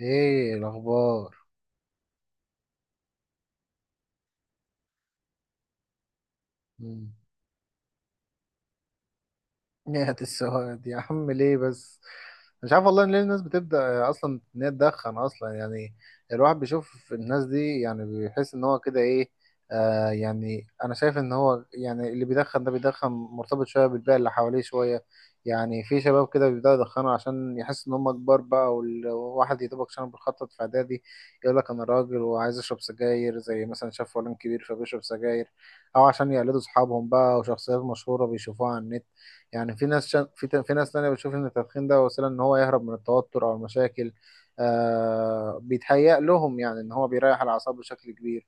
ايه الاخبار؟ مم. نهاية السواد يا عم، ليه بس؟ مش عارف والله ليه الناس بتبدأ أصلا إن هي تدخن أصلا، يعني. الواحد بيشوف الناس دي، يعني بيحس إن هو كده إيه. يعني أنا شايف إن هو، يعني اللي بيدخن ده بيدخن مرتبط شوية بالبيئة اللي حواليه شوية. يعني في شباب كده بيبدأوا يدخنوا عشان يحس إن هم كبار بقى، والواحد يا دوبك عشان بيخطط في إعدادي. يقول لك أنا راجل وعايز أشرب سجاير، زي مثلا شاف فلان كبير فبيشرب سجاير. أو عشان يقلدوا أصحابهم بقى وشخصيات مشهورة بيشوفوها على النت. يعني في ناس شا... في ت- في ناس تانية بتشوف ان التدخين ده وسيلة ان هو يهرب من التوتر او المشاكل. بيتهيأ لهم يعني ان هو بيريح الاعصاب بشكل كبير.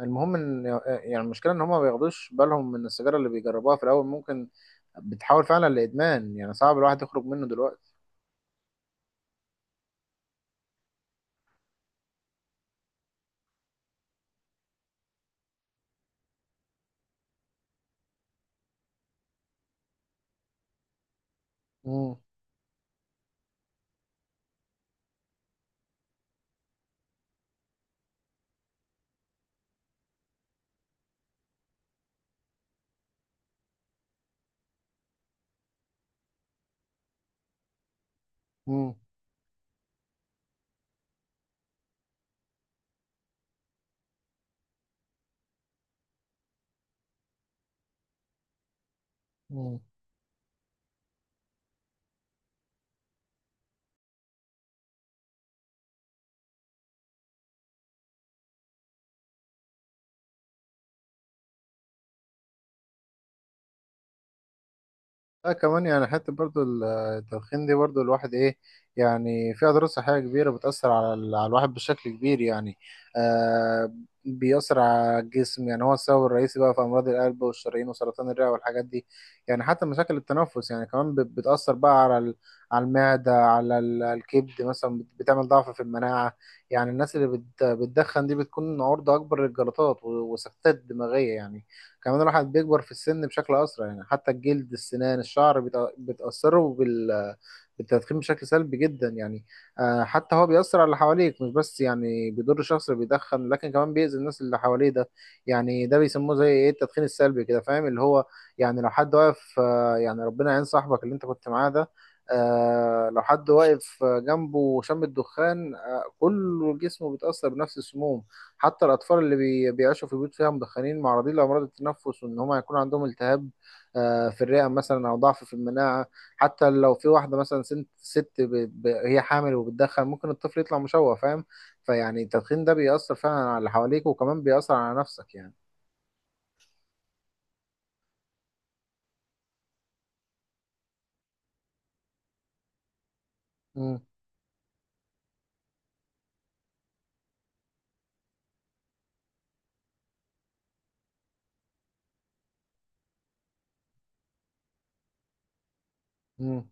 المهم ان، يعني المشكلة ان هم ما بياخدوش بالهم من السيجارة اللي بيجربوها في الاول، ممكن بتحول فعلا لادمان، يعني صعب الواحد يخرج منه دلوقتي. مم. مم. مم. لا كمان يعني، حتى برضو التدخين دي برضو الواحد ايه. يعني في اضرار صحيه كبيره بتاثر على الواحد بشكل كبير يعني. آه بيأثر على الجسم، يعني هو السبب الرئيسي بقى في امراض القلب والشرايين وسرطان الرئه والحاجات دي. يعني حتى مشاكل التنفس يعني كمان بتأثر بقى على المعده، الكبد مثلا بتعمل ضعف في المناعه. يعني الناس اللي بتدخن دي بتكون عرضه اكبر للجلطات وسكتات دماغيه يعني. كمان الواحد بيكبر في السن بشكل اسرع، يعني حتى الجلد السنان الشعر بتاثروا بالتدخين بشكل سلبي جدا يعني. حتى هو بيأثر على اللي حواليك، مش بس يعني بيضر الشخص اللي بيدخن، لكن كمان بيأذي الناس اللي حواليه ده. يعني ده بيسموه زي ايه، التدخين السلبي كده، فاهم اللي هو. يعني لو حد واقف، يعني ربنا يعين صاحبك اللي انت كنت معاه ده. لو حد واقف جنبه وشم الدخان، كل جسمه بيتأثر بنفس السموم. حتى الأطفال اللي بيعيشوا في بيوت فيها مدخنين معرضين لأمراض التنفس، وإن هم هيكون عندهم التهاب في الرئة مثلا أو ضعف في المناعة. حتى لو في واحدة مثلا سنت ست هي حامل وبتدخن، ممكن الطفل يطلع مشوه، فاهم. فيعني التدخين ده بيأثر فعلا على اللي حواليك، وكمان بيأثر على نفسك يعني. مم. مم.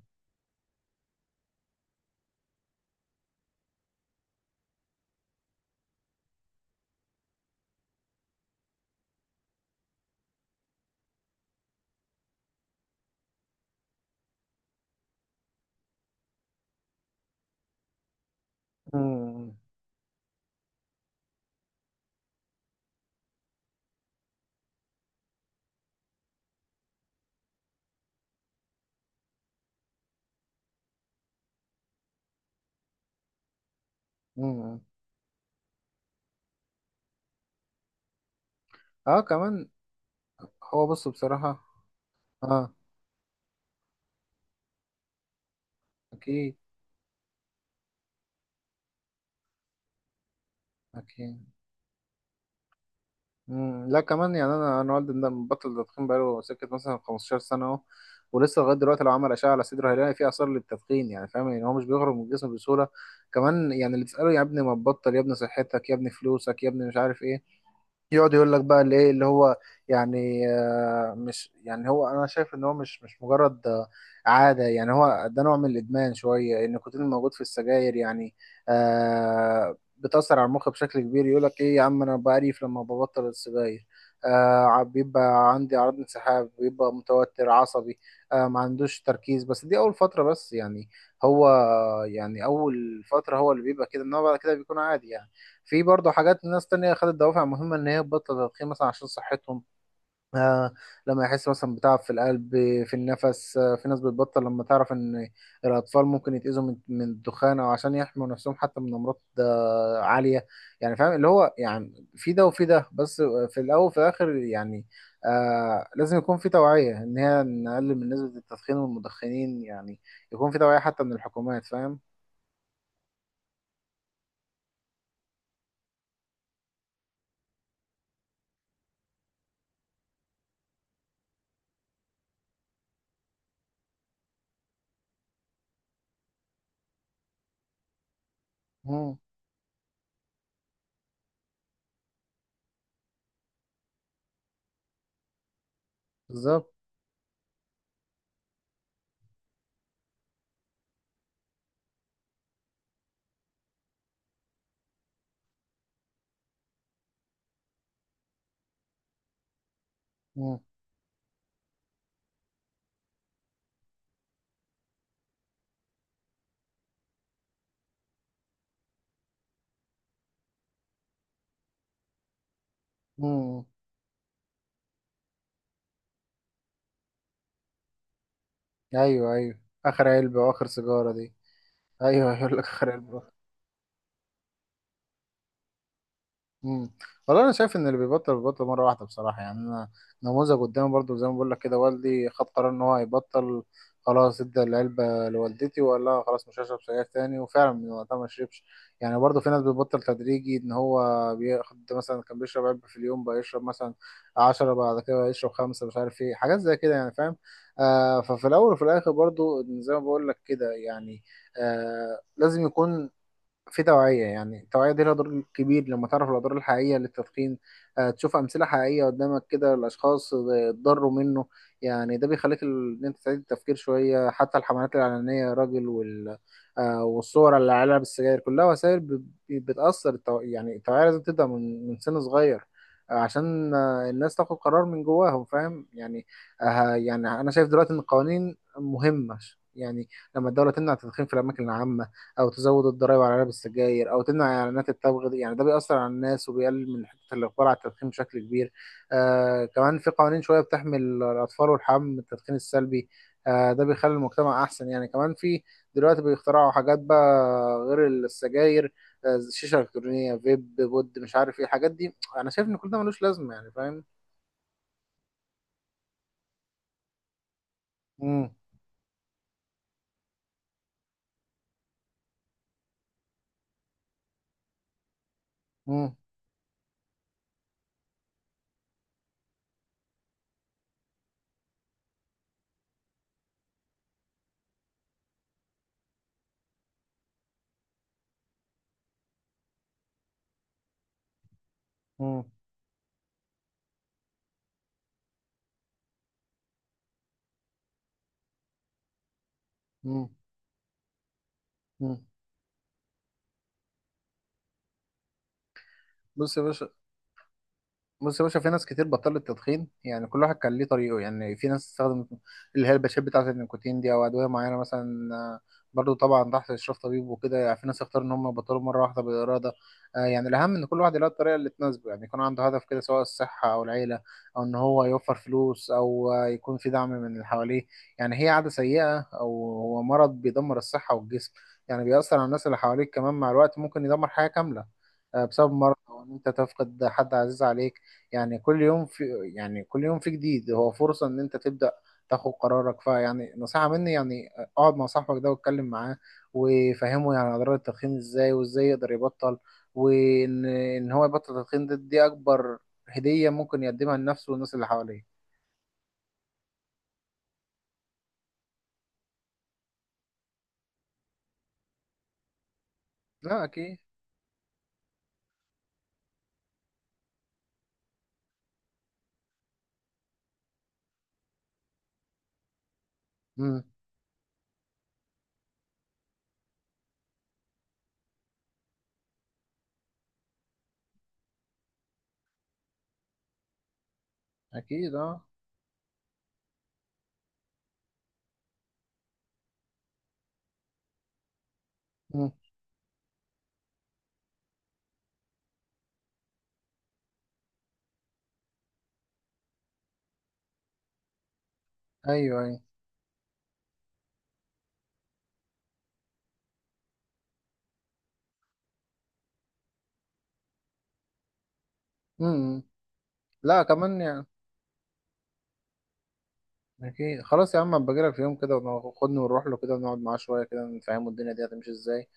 مم. مم. اه كمان. هو بص بصراحة. اه. أكيد. أكيد. مم. لا كمان يعني، انا والدي ده مبطل تدخين بقاله سكه مثلا 15 سنه اهو. ولسه لغايه دلوقتي لو عمل اشعه على صدره هيلاقي فيه اثار للتدخين، يعني فاهم. يعني هو مش بيخرج من الجسم بسهوله. كمان يعني اللي تساله يا ابني ما تبطل، يا ابني صحتك، يا ابني فلوسك، يا ابني مش عارف ايه. يقعد يقول لك بقى اللي ايه اللي هو، يعني مش يعني هو، انا شايف ان هو مش مجرد عاده. يعني هو ده نوع من الادمان شويه، ان النيكوتين الموجود في السجاير يعني بتاثر على المخ بشكل كبير. يقول لك ايه يا عم، انا بعرف لما ببطل السجاير بيبقى عندي اعراض انسحاب، بيبقى متوتر عصبي ما عندوش تركيز، بس دي اول فتره بس يعني. هو يعني اول فتره هو اللي بيبقى كده، انما بعد كده بيكون عادي يعني. في برضه حاجات، ناس تانية خدت دوافع مهمة إن هي تبطل تدخين، مثلا عشان صحتهم آه لما يحس مثلا بتعب في القلب، في النفس. في ناس بتبطل لما تعرف إن الأطفال ممكن يتأذوا من الدخان، أو عشان يحموا نفسهم حتى من أمراض عالية. يعني فاهم اللي هو، يعني في ده وفي ده بس. في الأول وفي الآخر يعني لازم يكون في توعية، إن هي نقلل من نسبة التدخين والمدخنين يعني. يكون في توعية حتى من الحكومات، فاهم؟ مم. بالظبط. مم. مم. ايوه ايوه، اخر علبه واخر سيجاره دي. ايوه يقول لك اخر علبه. مم. والله انا شايف ان اللي بيبطل بيبطل مره واحده بصراحه. يعني انا نموذج قدامي برضو، زي ما بقول لك كده، والدي خد قرار ان هو هيبطل، خلاص ادى العلبه لوالدتي وقال لها خلاص مش هشرب سجاير تاني، وفعلا من وقتها ما شربش. يعني برضو في ناس بتبطل تدريجي، ان هو بياخد مثلا، كان بيشرب علبه في اليوم بقى يشرب مثلا 10، بعد كده يشرب خمسه، مش عارف ايه، حاجات زي كده يعني فاهم. ففي الاول وفي الاخر برضو زي ما بقول لك كده يعني لازم يكون في توعية. يعني التوعية دي لها دور كبير لما تعرف الأضرار الحقيقية للتدخين، تشوف أمثلة حقيقية قدامك كده، الأشخاص اتضروا منه. يعني ده بيخليك إن أنت تعيد التفكير شوية، حتى الحملات الإعلانية يا راجل والصور اللي عليها بالسجاير، كلها وسائل يعني التوعية لازم تبدأ من سن صغير، عشان الناس تاخد قرار من جواهم، فاهم يعني. يعني أنا شايف دلوقتي إن القوانين مهمة. يعني لما الدولة تمنع التدخين في الأماكن العامة، او تزود الضرائب على علب السجاير، او تمنع اعلانات التبغ دي، يعني ده بيأثر على الناس وبيقلل من حته الاقبال على التدخين بشكل كبير. كمان في قوانين شويه بتحمي الاطفال والحمام من التدخين السلبي، ده بيخلي المجتمع احسن يعني. كمان في دلوقتي بيخترعوا حاجات بقى غير السجاير، شيشه الكترونيه، فيب، بود، مش عارف ايه الحاجات دي. انا شايف ان كل ده ملوش لازمه، يعني فاهم. امم. امم. امم. امم. بص يا باشا، بص يا باشا، في ناس كتير بطلت تدخين. يعني كل واحد كان ليه طريقه، يعني في ناس استخدمت اللي هي الباتشات بتاعة النيكوتين دي، أو أدوية معينة مثلا برضو طبعا تحت إشراف طبيب وكده. يعني في ناس اختاروا إن هم يبطلوا مرة واحدة بالإرادة. يعني الأهم إن كل واحد يلاقي الطريقة اللي تناسبه، يعني يكون عنده هدف كده، سواء الصحة أو العيلة، أو إن هو يوفر فلوس، أو يكون في دعم من اللي حواليه. يعني هي عادة سيئة، أو هو مرض بيدمر الصحة والجسم. يعني بيأثر على الناس اللي حواليك كمان، مع الوقت ممكن يدمر حياة كاملة بسبب مرض أو إن أنت تفقد حد عزيز عليك. يعني كل يوم في، يعني كل يوم في جديد هو فرصة ان انت تبدأ تاخد قرارك. فيعني نصيحة مني يعني، اقعد مع صاحبك ده واتكلم معاه وفهمه، يعني اضرار التدخين ازاي وازاي يقدر يبطل. وان هو يبطل التدخين دي اكبر هدية ممكن يقدمها لنفسه والناس اللي حواليه. لا اكيد. امم. اكيد اه. امم. ايوه ايوه. امم. لا كمان يعني. أكيد، خلاص يا عم، أما بجيلك في يوم كده وخدني ونروح له كده ونقعد معاه شوية كده نفهمه الدنيا دي هتمشي إزاي.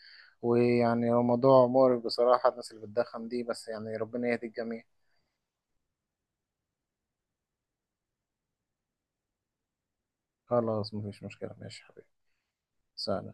ويعني هو موضوع مقرف بصراحة، الناس اللي بتدخن دي، بس يعني ربنا يهدي الجميع. خلاص مفيش مشكلة، ماشي حبيبي. سلام.